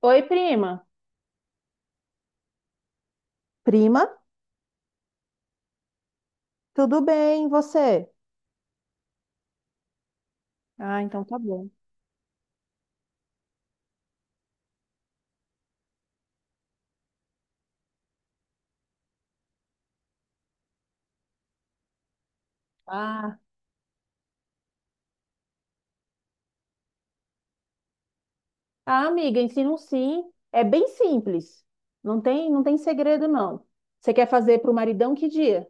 Oi, prima. Prima, tudo bem, e você? Ah, então tá bom. Ah, ah, amiga, ensino sim. É bem simples. Não tem segredo, não. Você quer fazer para o maridão que dia?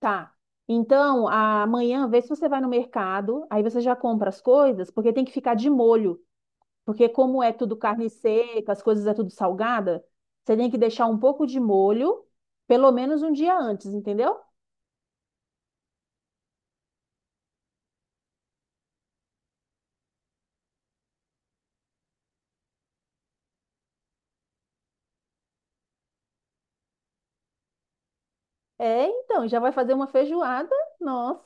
Tá. Então, amanhã, vê se você vai no mercado, aí você já compra as coisas, porque tem que ficar de molho. Porque como é tudo carne seca, as coisas é tudo salgada, você tem que deixar um pouco de molho, pelo menos um dia antes, entendeu? É, então, já vai fazer uma feijoada. Nossa.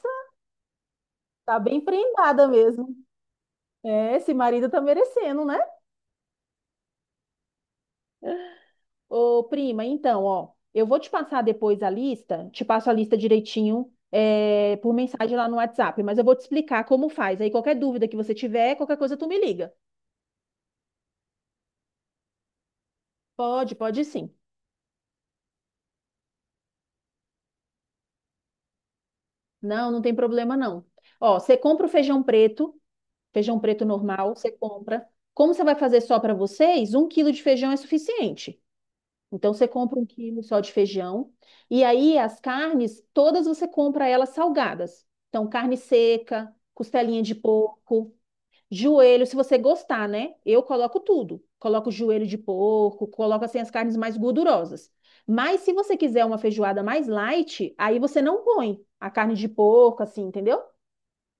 Tá bem prendada mesmo. É, esse marido tá merecendo, né? Ô, prima, então, ó, eu vou te passar depois a lista, te passo a lista direitinho, é, por mensagem lá no WhatsApp, mas eu vou te explicar como faz. Aí qualquer dúvida que você tiver, qualquer coisa tu me liga. Pode, pode sim. Não, não tem problema não. Ó, você compra o feijão preto normal, você compra. Como você vai fazer só pra vocês, um quilo de feijão é suficiente. Então você compra um quilo só de feijão e aí as carnes todas você compra elas salgadas. Então carne seca, costelinha de porco, joelho, se você gostar, né? Eu coloco tudo. Coloco joelho de porco, coloco assim as carnes mais gordurosas. Mas se você quiser uma feijoada mais light, aí você não põe a carne de porco assim, entendeu?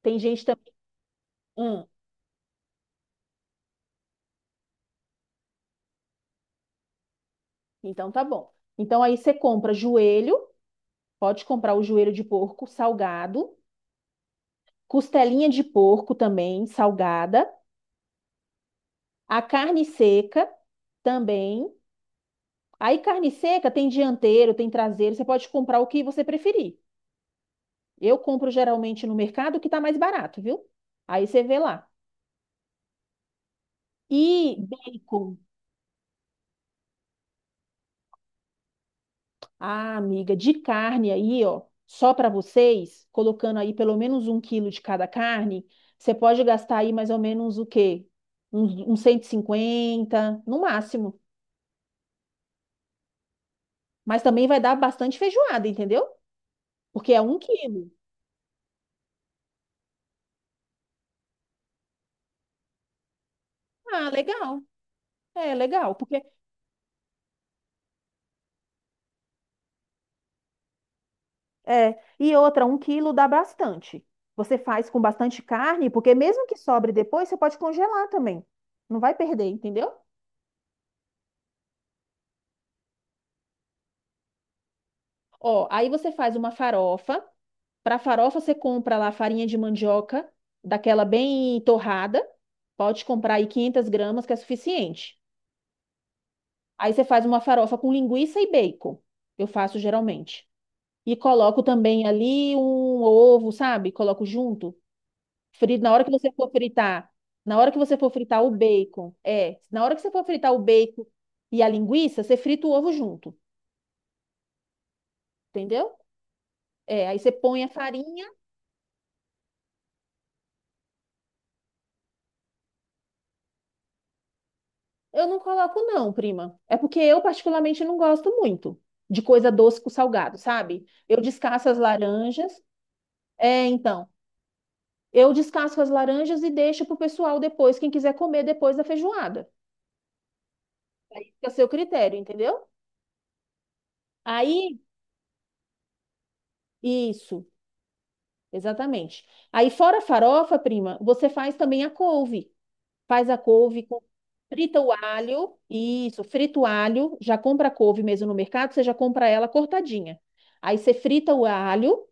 Tem gente também, hum, então tá bom. Então aí você compra joelho, pode comprar o joelho de porco salgado, costelinha de porco também, salgada, a carne seca também. Aí carne seca tem dianteiro, tem traseiro, você pode comprar o que você preferir. Eu compro geralmente no mercado o que está mais barato, viu? Aí você vê lá. E bacon, ah, amiga, de carne aí, ó, só para vocês, colocando aí pelo menos um quilo de cada carne, você pode gastar aí mais ou menos o quê? Uns 150 no máximo. Mas também vai dar bastante feijoada, entendeu? Porque é um quilo. Ah, legal. É legal, porque é. E outra, um quilo dá bastante. Você faz com bastante carne, porque mesmo que sobre depois, você pode congelar também. Não vai perder, entendeu? Ó, aí você faz uma farofa. Para farofa, você compra lá farinha de mandioca, daquela bem torrada. Pode comprar aí 500 gramas, que é suficiente. Aí você faz uma farofa com linguiça e bacon. Eu faço geralmente. E coloco também ali um ovo, sabe? Coloco junto. Na hora que você for fritar, na hora que você for fritar o bacon, na hora que você for fritar o bacon e a linguiça, você frita o ovo junto, entendeu? É, aí você põe a farinha. Eu não coloco não, prima. É porque eu particularmente não gosto muito de coisa doce com salgado, sabe? Eu descasco as laranjas. É, então, eu descasco as laranjas e deixo pro pessoal depois, quem quiser comer depois da feijoada. Fica a seu critério, entendeu? Aí, isso. Exatamente. Aí, fora a farofa, prima, você faz também a couve. Faz a couve, frita o alho, isso, frita o alho, já compra a couve mesmo no mercado, você já compra ela cortadinha. Aí você frita o alho,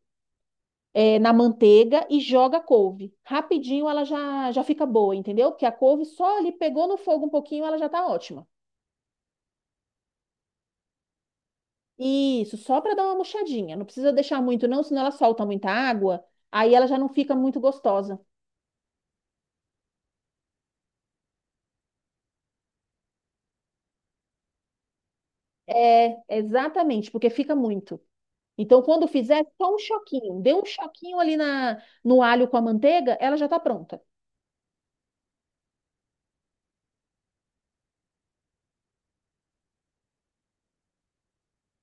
na manteiga e joga a couve. Rapidinho ela já, já fica boa, entendeu? Porque a couve só ali pegou no fogo um pouquinho, ela já tá ótima. Isso, só para dar uma murchadinha. Não precisa deixar muito, não, senão ela solta muita água, aí ela já não fica muito gostosa. É, exatamente, porque fica muito. Então, quando fizer, só um choquinho. Dê um choquinho ali na, no alho com a manteiga, ela já tá pronta.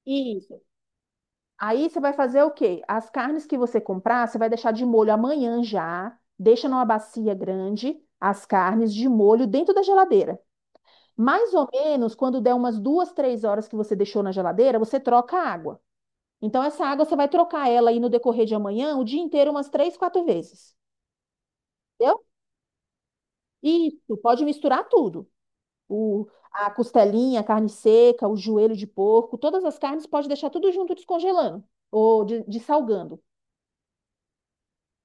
Isso. Aí você vai fazer o quê? As carnes que você comprar, você vai deixar de molho amanhã já. Deixa numa bacia grande as carnes de molho dentro da geladeira. Mais ou menos, quando der umas duas, três horas que você deixou na geladeira, você troca a água. Então, essa água você vai trocar ela aí no decorrer de amanhã, o dia inteiro, umas três, quatro vezes. Entendeu? Isso, pode misturar tudo. o, a costelinha, a carne seca, o joelho de porco, todas as carnes pode deixar tudo junto descongelando ou dessalgando.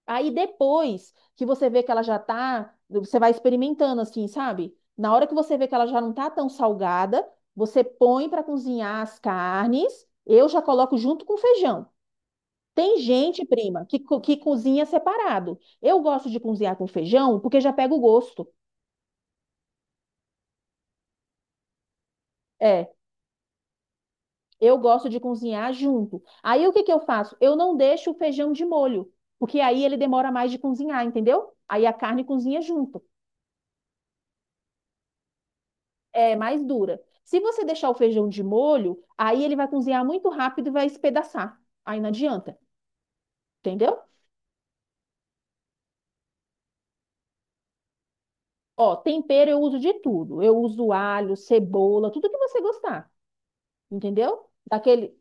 Aí depois que você vê que ela já tá, você vai experimentando assim, sabe? Na hora que você vê que ela já não tá tão salgada, você põe para cozinhar as carnes. Eu já coloco junto com feijão. Tem gente, prima, que, que cozinha separado. Eu gosto de cozinhar com feijão porque já pega o gosto. É. Eu gosto de cozinhar junto. Aí o que que eu faço? Eu não deixo o feijão de molho, porque aí ele demora mais de cozinhar, entendeu? Aí a carne cozinha junto, é mais dura. Se você deixar o feijão de molho, aí ele vai cozinhar muito rápido e vai espedaçar. Aí não adianta, entendeu? Ó, tempero eu uso de tudo. Eu uso alho, cebola, tudo que você gostar, entendeu? Daquele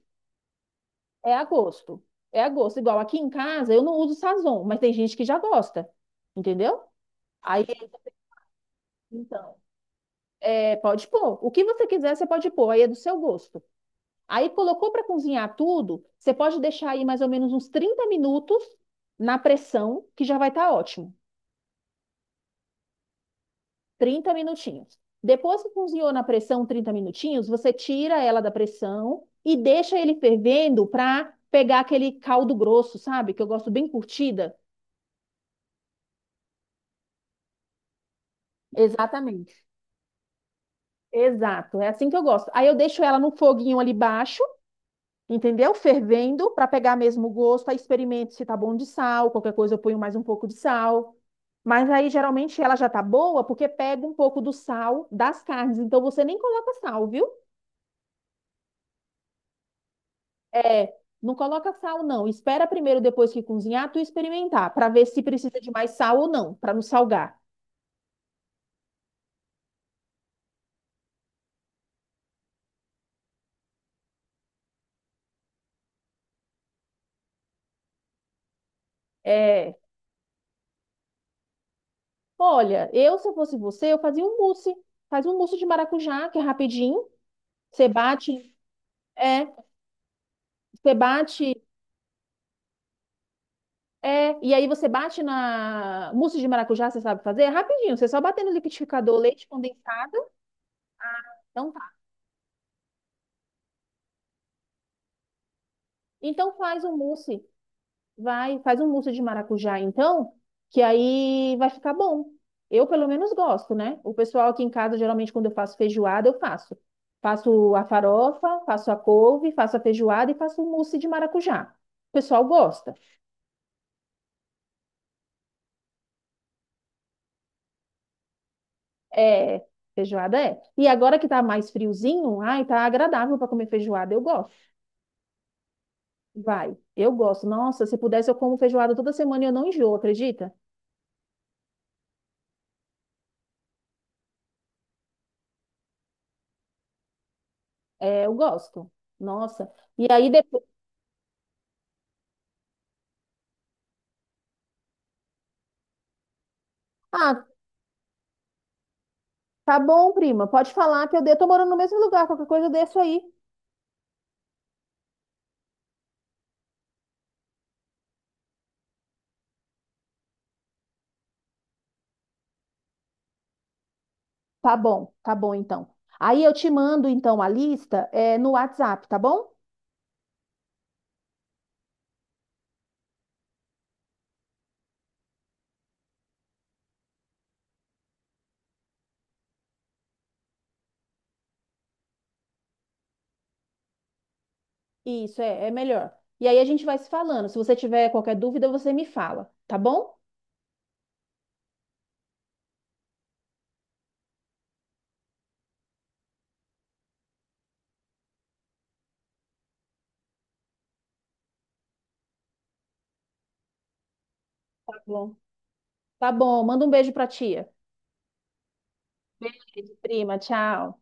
é a gosto. É a gosto. Igual aqui em casa eu não uso sazon, mas tem gente que já gosta, entendeu? Aí então, é, pode pôr. O que você quiser, você pode pôr, aí é do seu gosto. Aí colocou para cozinhar tudo, você pode deixar aí mais ou menos uns 30 minutos na pressão, que já vai estar ótimo. 30 minutinhos. Depois que cozinhou na pressão 30 minutinhos, você tira ela da pressão e deixa ele fervendo para pegar aquele caldo grosso, sabe? Que eu gosto bem curtida. Exatamente. Exato, é assim que eu gosto. Aí eu deixo ela no foguinho ali baixo, entendeu? Fervendo para pegar mesmo o gosto, aí experimento se tá bom de sal, qualquer coisa eu ponho mais um pouco de sal. Mas aí geralmente ela já tá boa porque pega um pouco do sal das carnes, então você nem coloca sal, viu? É, não coloca sal não. Espera primeiro depois que cozinhar tu experimentar para ver se precisa de mais sal ou não, para não salgar. É, olha, eu se eu fosse você, eu fazia um mousse. Faz um mousse de maracujá, que é rapidinho. Você bate, é, você bate É, e aí você bate na mousse de maracujá, você sabe fazer? É rapidinho, você só bater no liquidificador, leite condensado, então tá. Então faz um mousse, vai, faz um mousse de maracujá então, que aí vai ficar bom. Eu pelo menos gosto, né? O pessoal aqui em casa, geralmente quando eu faço feijoada, eu faço. Faço a farofa, faço a couve, faço a feijoada e faço o mousse de maracujá. O pessoal gosta. É, feijoada é. E agora que tá mais friozinho, ai, tá agradável para comer feijoada, eu gosto. Vai. Eu gosto. Nossa, se pudesse, eu como feijoada toda semana e eu não enjoo, acredita? É, eu gosto. Nossa. E aí depois. Ah, tá bom, prima. Pode falar que eu dei. Tô morando no mesmo lugar. Qualquer coisa eu desço aí. Tá bom então. Aí eu te mando então a lista, é, no WhatsApp, tá bom? Isso, é, é melhor. E aí a gente vai se falando. Se você tiver qualquer dúvida, você me fala, tá bom? Tá bom. Tá bom. Manda um beijo pra tia. Beijo, prima. Tchau.